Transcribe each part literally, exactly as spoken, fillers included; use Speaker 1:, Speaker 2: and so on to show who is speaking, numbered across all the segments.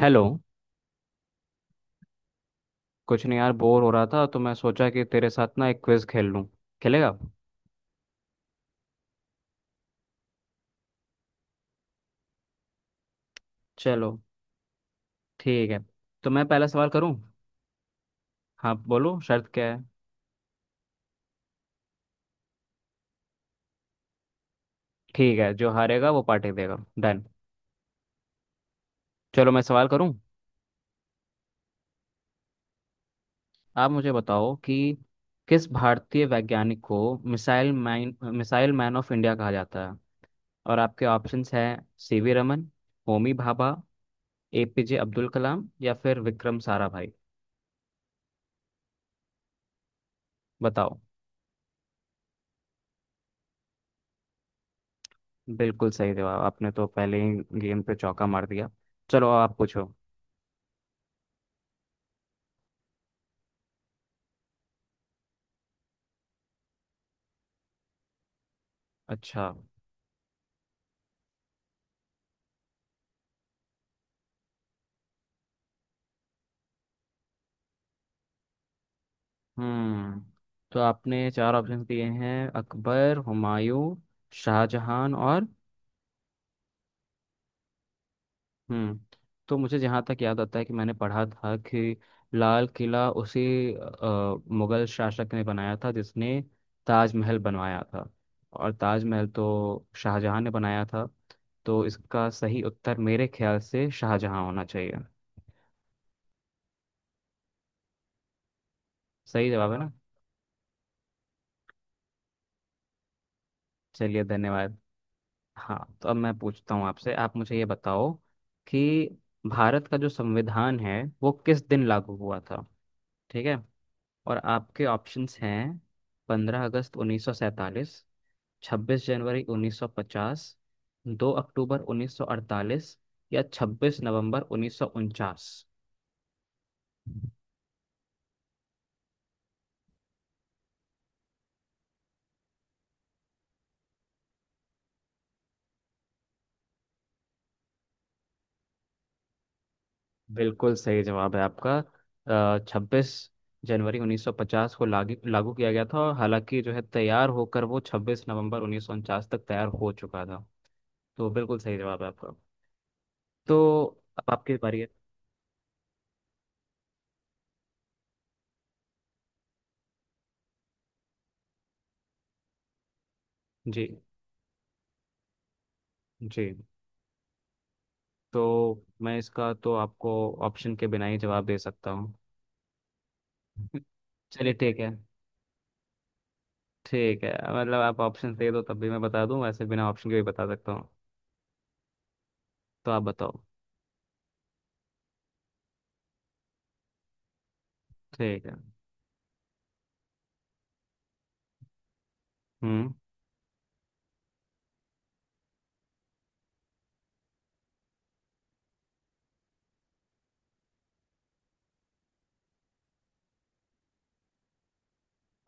Speaker 1: Hello. कुछ नहीं यार, बोर हो रहा था तो मैं सोचा कि तेरे साथ ना एक क्विज खेल लूं। खेलेगा? चलो, ठीक है तो मैं पहला सवाल करूं। हाँ बोलो, शर्त क्या है? ठीक है, जो हारेगा वो पार्टी देगा, डन। चलो मैं सवाल करूं। आप मुझे बताओ कि किस भारतीय वैज्ञानिक को missile man missile man of India कहा जाता है। और आपके ऑप्शंस हैं सीवी रमन, होमी भाभा, एपीजे अब्दुल कलाम या फिर विक्रम साराभाई। बताओ। बिल्कुल सही जवाब। आपने तो पहले ही गेम पे चौका मार दिया। चलो आप पूछो। अच्छा। हम्म तो आपने चार ऑप्शन दिए हैं, अकबर, हुमायूं, शाहजहां और। हम्म तो मुझे जहाँ तक याद आता है कि मैंने पढ़ा था कि लाल किला उसी अ, मुगल शासक ने बनाया था जिसने ताजमहल बनवाया था। और ताजमहल तो शाहजहां ने बनाया था, तो इसका सही उत्तर मेरे ख्याल से शाहजहां होना चाहिए। सही जवाब है ना? चलिए धन्यवाद। हाँ तो अब मैं पूछता हूँ आपसे। आप मुझे ये बताओ कि भारत का जो संविधान है वो किस दिन लागू हुआ था। ठीक है। और आपके ऑप्शंस हैं पंद्रह अगस्त उन्नीस सौ सैंतालीस, छब्बीस जनवरी उन्नीस सौ पचास, दो अक्टूबर उन्नीस सौ अड़तालीस या छब्बीस नवंबर उन्नीस सौ उनचास। बिल्कुल सही जवाब है आपका। छब्बीस जनवरी उन्नीस सौ पचास को लागू लागू किया गया था। और हालांकि जो है तैयार होकर वो छब्बीस नवंबर उन्नीस सौ उनचास तक तैयार हो चुका था। तो बिल्कुल सही जवाब है आपका। तो अब आपकी बारी है। जी। जी, तो मैं इसका तो आपको ऑप्शन के बिना ही जवाब दे सकता हूँ। चलिए ठीक है। ठीक है, मतलब आप ऑप्शन दे दो तब भी मैं बता दूं, वैसे बिना ऑप्शन के भी बता सकता हूँ। तो आप बताओ। ठीक है। हम्म।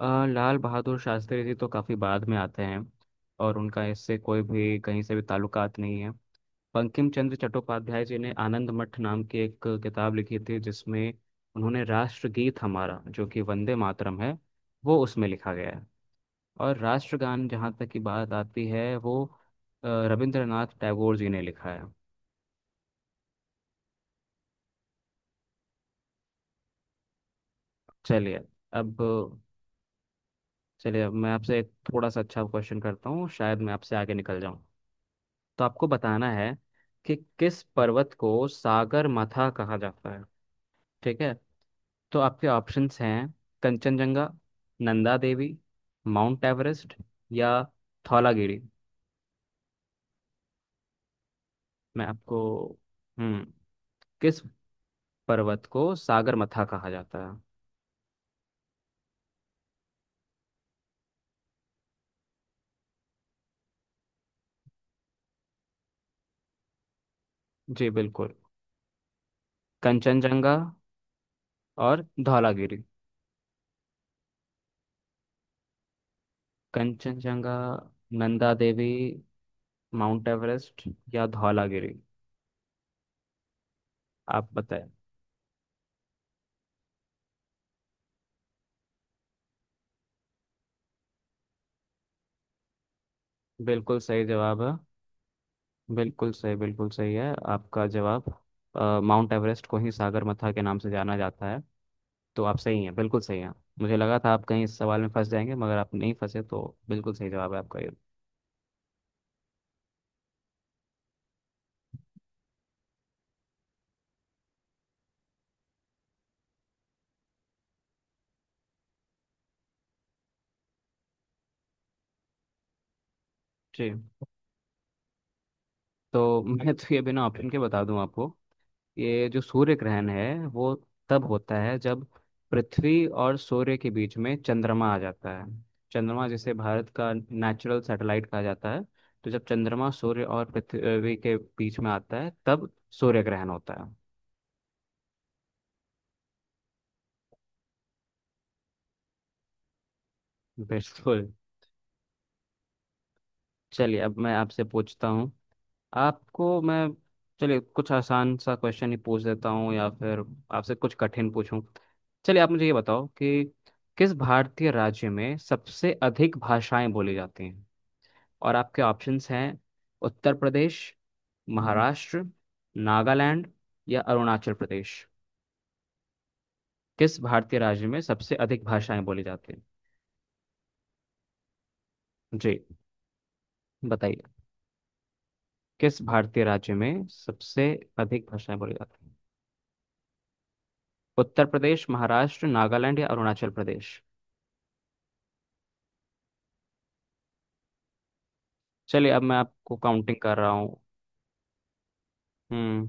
Speaker 1: अ, लाल बहादुर शास्त्री जी तो काफ़ी बाद में आते हैं, और उनका इससे कोई भी कहीं से भी ताल्लुकात नहीं है। बंकिम चंद्र चट्टोपाध्याय जी ने आनंद मठ नाम की एक किताब लिखी थी, जिसमें उन्होंने राष्ट्रगीत हमारा जो कि वंदे मातरम है वो उसमें लिखा गया है। और राष्ट्रगान जहाँ तक की बात आती है वो अ, रविंद्रनाथ टैगोर जी ने लिखा है। चलिए अब। चलिए अब मैं आपसे एक थोड़ा सा अच्छा क्वेश्चन करता हूँ, शायद मैं आपसे आगे निकल जाऊँ। तो आपको बताना है कि किस पर्वत को सागर माथा कहा जाता है। ठीक है। तो आपके ऑप्शंस हैं कंचनजंगा, नंदा देवी, माउंट एवरेस्ट या धौलागिरी। मैं आपको। हम्म। किस पर्वत को सागर माथा कहा जाता है? जी बिल्कुल। कंचनजंगा और धौलागिरी। कंचनजंगा, नंदा देवी, माउंट एवरेस्ट या धौलागिरी। आप बताएं। बिल्कुल सही जवाब है। बिल्कुल सही, बिल्कुल सही है आपका जवाब। अ, माउंट एवरेस्ट को ही सागरमाथा के नाम से जाना जाता है। तो आप सही हैं, बिल्कुल सही हैं। मुझे लगा था आप कहीं इस सवाल में फंस जाएंगे मगर आप नहीं फंसे तो। बिल्कुल सही जवाब है आपका ये। जी, तो मैं तो ये बिना ऑप्शन के बता दूं आपको। ये जो सूर्य ग्रहण है वो तब होता है जब पृथ्वी और सूर्य के बीच में चंद्रमा आ जाता है। चंद्रमा, जिसे भारत का नेचुरल सैटेलाइट कहा जाता है। तो जब चंद्रमा सूर्य और पृथ्वी के बीच में आता है तब सूर्य ग्रहण होता है। बिल्कुल। चलिए अब मैं आपसे पूछता हूँ। आपको मैं। चलिए कुछ आसान सा क्वेश्चन ही पूछ देता हूँ या फिर आपसे कुछ कठिन पूछूं। चलिए आप मुझे ये बताओ कि किस भारतीय राज्य में सबसे अधिक भाषाएं बोली जाती हैं। और आपके ऑप्शंस हैं उत्तर प्रदेश, महाराष्ट्र, नागालैंड या अरुणाचल प्रदेश। किस भारतीय राज्य में सबसे अधिक भाषाएं बोली जाती हैं? जी बताइए। किस भारतीय राज्य में सबसे अधिक भाषाएं बोली जाती हैं? उत्तर प्रदेश, महाराष्ट्र, नागालैंड या अरुणाचल प्रदेश। चलिए अब मैं आपको काउंटिंग कर रहा हूँ। हम्म।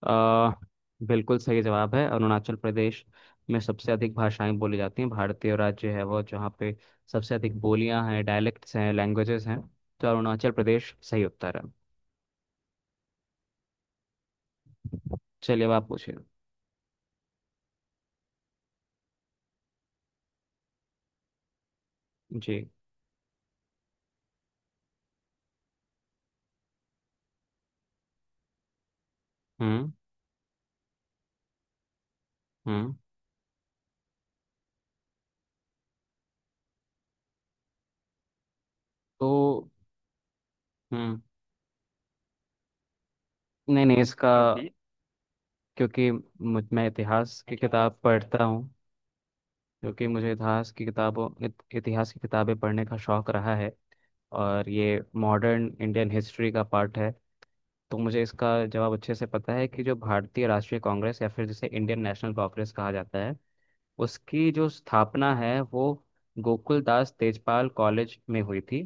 Speaker 1: अ, बिल्कुल सही जवाब है, अरुणाचल प्रदेश में सबसे अधिक भाषाएं बोली जाती हैं। भारतीय राज्य है वो जहाँ पे सबसे अधिक बोलियां हैं, डायलेक्ट्स हैं, लैंग्वेजेस हैं। तो अरुणाचल प्रदेश सही उत्तर है। चलिए अब आप पूछिए। जी। हम्म हम्म तो। हम्म नहीं नहीं, इसका। जी, क्योंकि मुझ मैं इतिहास की किताब पढ़ता हूँ। क्योंकि मुझे इतिहास की किताबों इत, इतिहास की किताबें पढ़ने का शौक रहा है। और ये मॉडर्न इंडियन हिस्ट्री का पार्ट है। तो मुझे इसका जवाब अच्छे से पता है कि जो भारतीय राष्ट्रीय कांग्रेस या फिर जिसे इंडियन नेशनल कांग्रेस कहा जाता है, उसकी जो स्थापना है वो गोकुल दास तेजपाल कॉलेज में हुई थी।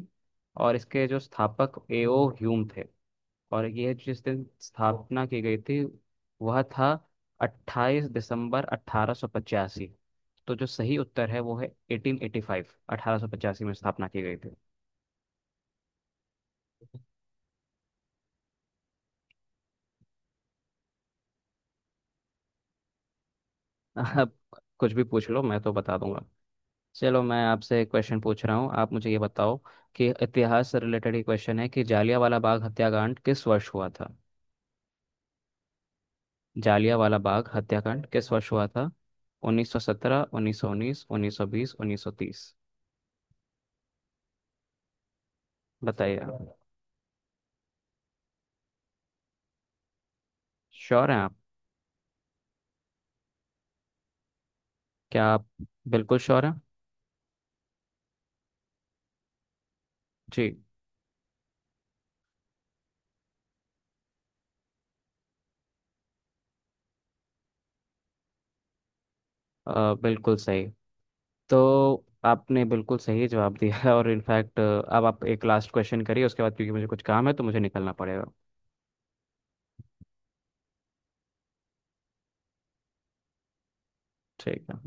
Speaker 1: और इसके जो स्थापक एओ ह्यूम थे। और यह जिस दिन स्थापना की गई थी वह था अट्ठाईस दिसंबर अठारह सौ पचासी। तो जो सही उत्तर है वो है 1885 1885 में स्थापना की गई थी। आप कुछ भी पूछ लो मैं तो बता दूंगा। चलो मैं आपसे एक क्वेश्चन पूछ रहा हूँ, आप मुझे ये बताओ कि इतिहास से रिलेटेड ही क्वेश्चन है कि जालियांवाला बाग हत्याकांड किस वर्ष हुआ था? जालियांवाला बाग हत्याकांड किस वर्ष हुआ था? उन्नीस सौ सत्रह, उन्नीस सौ उन्नीस, उन्नीस सौ बीस, उन्नीस सौ तीस। बताइए आप। श्योर हैं आप? क्या आप बिल्कुल श्योर हैं? जी। अ, बिल्कुल सही। तो आपने बिल्कुल सही जवाब दिया है। और इनफैक्ट अब आप एक लास्ट क्वेश्चन करिए उसके बाद, क्योंकि मुझे कुछ काम है तो मुझे निकलना पड़ेगा। ठीक है।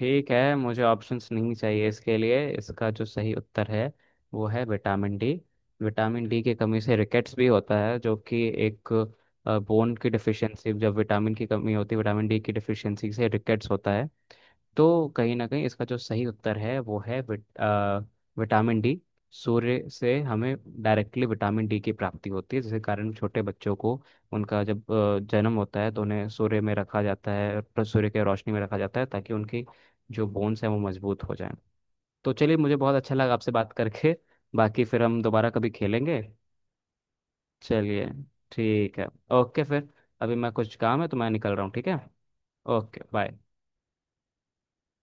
Speaker 1: ठीक है, मुझे ऑप्शंस नहीं चाहिए इसके लिए। इसका जो सही उत्तर है वो है विटामिन डी। विटामिन डी की कमी से रिकेट्स भी होता है, जो कि एक बोन की डिफिशियंसी। जब विटामिन की कमी होती है, विटामिन डी की डिफिशियंसी से रिकेट्स होता है। तो कहीं ना कहीं इसका जो सही उत्तर है वो है विट, आ, विटामिन डी। सूर्य से हमें डायरेक्टली विटामिन डी की प्राप्ति होती है, जिसके कारण छोटे बच्चों को उनका जब अ, जन्म होता है तो उन्हें सूर्य में रखा जाता है, प्र- सूर्य के रोशनी में रखा जाता है ताकि उनकी जो बोन्स हैं वो मजबूत हो जाएं। तो चलिए मुझे बहुत अच्छा लगा आपसे बात करके। बाकी फिर हम दोबारा कभी खेलेंगे। चलिए ठीक है। ओके फिर, अभी मैं कुछ काम है तो मैं निकल रहा हूँ, ठीक है। Okay bye.